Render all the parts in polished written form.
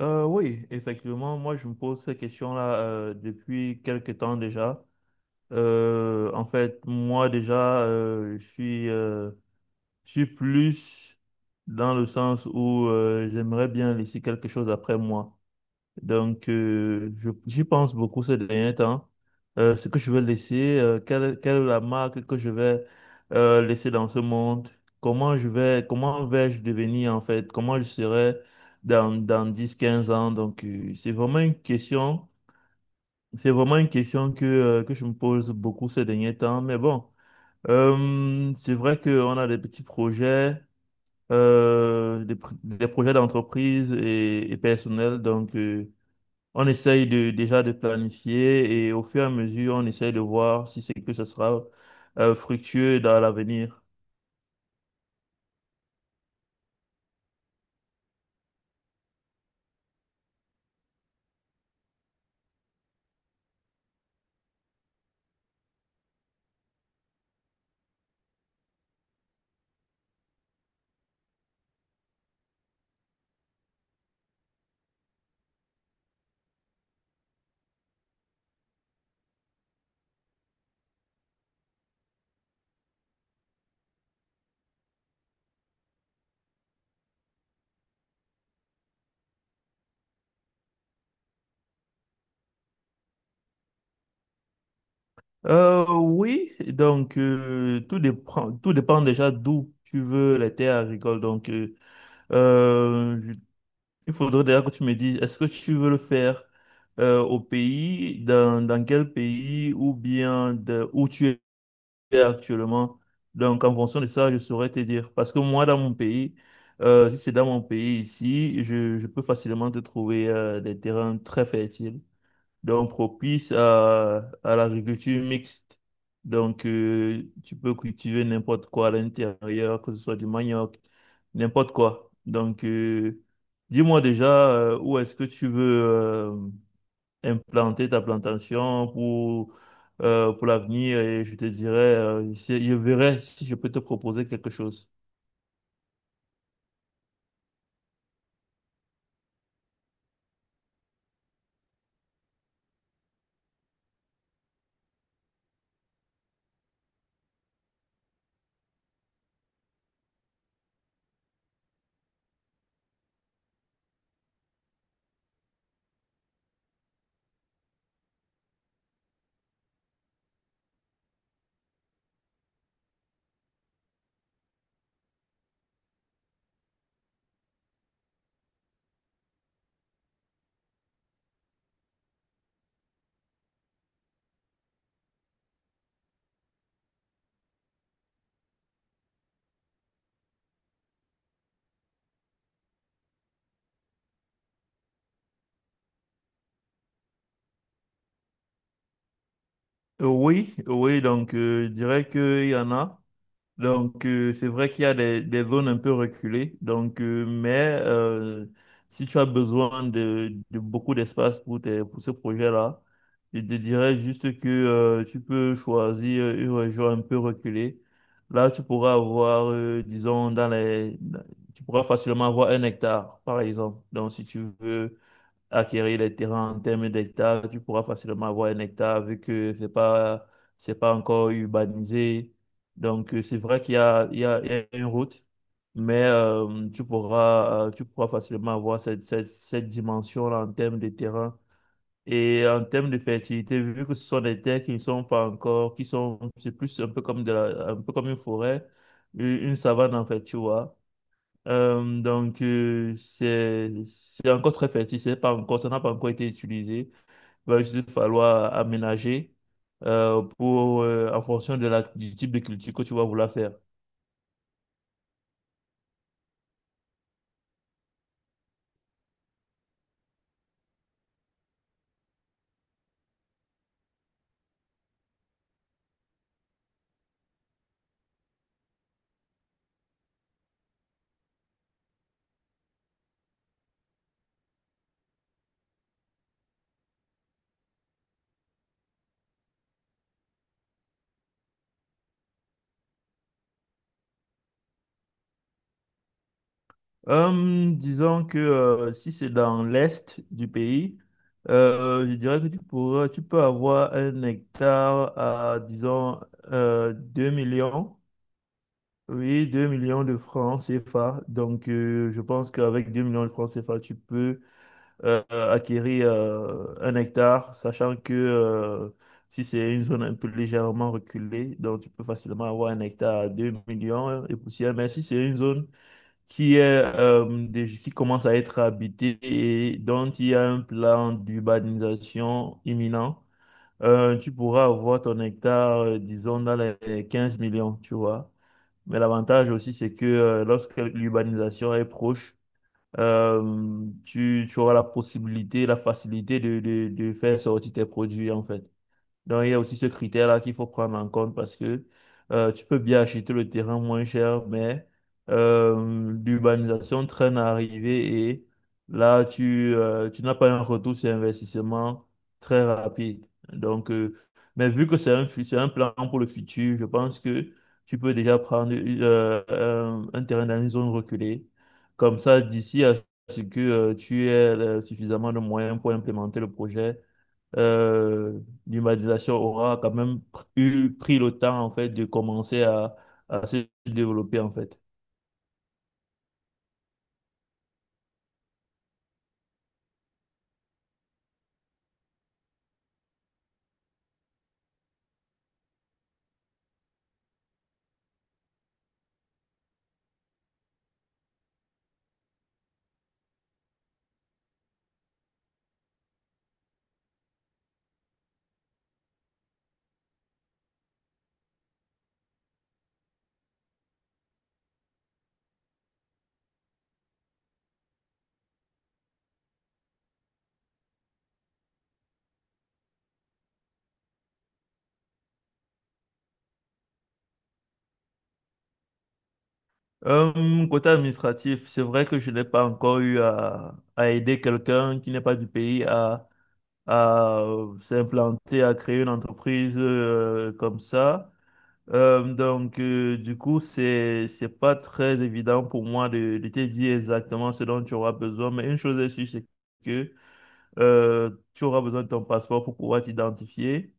Oui, effectivement, moi je me pose ces questions là, depuis quelque temps déjà. En fait, moi déjà, je suis plus dans le sens où j'aimerais bien laisser quelque chose après moi. Donc, j'y pense beaucoup ces derniers temps. Ce que je vais laisser, quelle est la marque que je vais laisser dans ce monde? Comment vais-je devenir en fait? Comment je serai dans 10 15 ans? Donc, c'est vraiment une question que je me pose beaucoup ces derniers temps. Mais bon, c'est vrai qu'on a des petits projets, des projets d'entreprise et personnels. Donc, déjà de planifier et au fur et à mesure, on essaye de voir si c'est que ce sera fructueux dans l'avenir. Oui, donc tout dépend déjà d'où tu veux les terres agricoles. Donc, euh, je- il faudrait déjà que tu me dises, est-ce que tu veux le faire au pays, dans quel pays, ou bien où tu actuellement. Donc, en fonction de ça, je saurais te dire. Parce que moi, dans mon pays, si c'est dans mon pays ici, je peux facilement te trouver des terrains très fertiles, donc propices à l'agriculture mixte. Donc, tu peux cultiver n'importe quoi à l'intérieur, que ce soit du manioc, n'importe quoi. Donc, dis-moi déjà où est-ce que tu veux implanter ta plantation pour l'avenir et je te dirai, je verrai si je peux te proposer quelque chose. Oui, oui, donc je dirais qu'il y en a. Donc, c'est vrai qu'il y a des zones un peu reculées. Donc, mais si tu as besoin de beaucoup d'espace pour ce projet-là, je te dirais juste que tu peux choisir une région un peu reculée. Là, tu pourras avoir, disons, tu pourras facilement avoir un hectare, par exemple. Donc, si tu veux acquérir les terrains en termes d'hectares, tu pourras facilement avoir un hectare vu que c'est pas encore urbanisé. Donc, c'est vrai qu'il y a, il y a, il y a une route, mais tu pourras facilement avoir cette dimension-là en termes de terrain. Et en termes de fertilité, vu que ce sont des terres qui ne sont pas encore, c'est plus un peu comme un peu comme une forêt, une savane en fait, tu vois. Donc, c'est encore très fertile, c'est pas encore, ça n'a pas encore été utilisé. Il va juste falloir aménager en fonction de du type de culture que tu vas vouloir faire. Disons que si c'est dans l'est du pays, je dirais que tu peux avoir un hectare à, disons, 2 millions. Oui, 2 millions de francs CFA. Donc, je pense qu'avec 2 millions de francs CFA, tu peux acquérir un hectare, sachant que si c'est une zone un peu légèrement reculée, donc tu peux facilement avoir un hectare à 2 millions et poussière. Mais si c'est une zone qui est qui commence à être habitée et dont il y a un plan d'urbanisation imminent, tu pourras avoir ton hectare, disons, dans les 15 millions, tu vois. Mais l'avantage aussi, c'est que lorsque l'urbanisation est proche, tu auras la possibilité, la facilité de faire sortir tes produits, en fait. Donc, il y a aussi ce critère-là qu'il faut prendre en compte parce que tu peux bien acheter le terrain moins cher, mais l'urbanisation traîne à arriver et là, tu n'as pas un retour sur investissement très rapide. Donc, mais vu que c'est un plan pour le futur, je pense que tu peux déjà prendre un terrain dans une zone reculée. Comme ça, d'ici à ce que tu aies suffisamment de moyens pour implémenter le projet euh, l'humanisation aura quand même pris le temps en fait de commencer à se développer en fait. Côté administratif, c'est vrai que je n'ai pas encore eu à aider quelqu'un qui n'est pas du pays à s'implanter, à créer une entreprise comme ça. Donc, du coup, c'est pas très évident pour moi de te dire exactement ce dont tu auras besoin, mais une chose est sûre, c'est que tu auras besoin de ton passeport pour pouvoir t'identifier.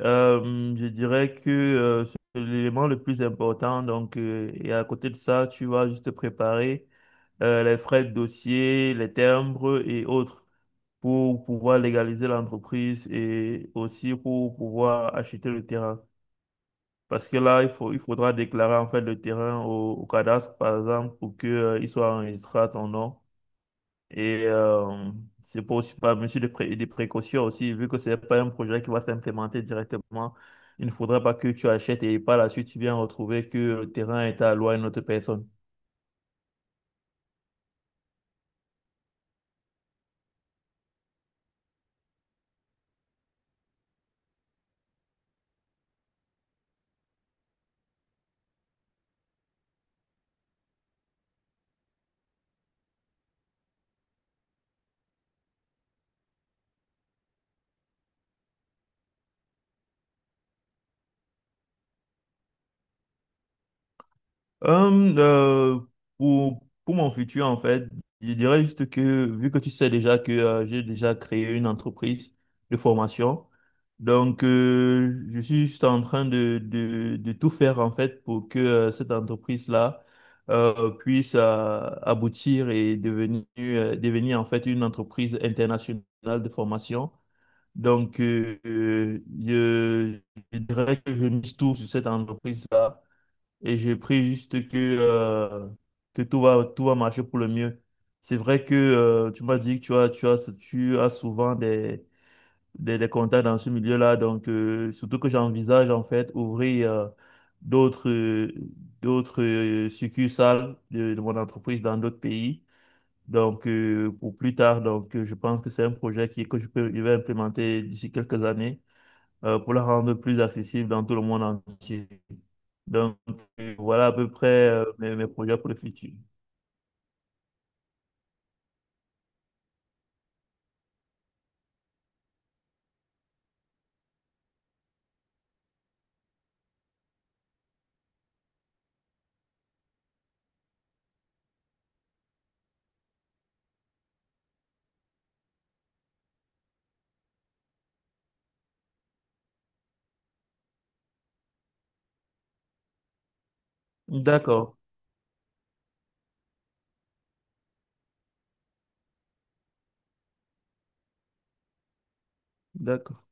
Je dirais que c'est l'élément le plus important. Donc, et à côté de ça, tu vas juste préparer les frais de dossier, les timbres et autres pour pouvoir légaliser l'entreprise et aussi pour pouvoir acheter le terrain. Parce que là, il faudra déclarer en fait le terrain au cadastre, par exemple, pour que, il soit enregistré à ton nom. Et c'est pour aussi par mesure de précaution aussi, vu que ce n'est pas un projet qui va s'implémenter directement, il ne faudrait pas que tu achètes et par la suite tu viens retrouver que le terrain est alloué à une autre personne. Hum, euh, pour mon futur, en fait, je dirais juste que, vu que tu sais déjà que j'ai déjà créé une entreprise de formation, donc je suis juste en train de tout faire, en fait, pour que cette entreprise-là puisse aboutir et devenir, en fait, une entreprise internationale de formation. Donc, je dirais que je mise tout sur cette entreprise et je prie juste que tout va marcher pour le mieux. C'est vrai que tu m'as dit que tu as souvent des contacts dans ce milieu-là. Donc, surtout que j'envisage en fait ouvrir d'autres euh, d'autres succursales de mon entreprise dans d'autres pays. Donc, pour plus tard, donc, je pense que c'est un projet que je vais implémenter d'ici quelques années, pour la rendre plus accessible dans tout le monde entier. Donc, voilà à peu près mes projets pour le futur. D'accord, d'accord.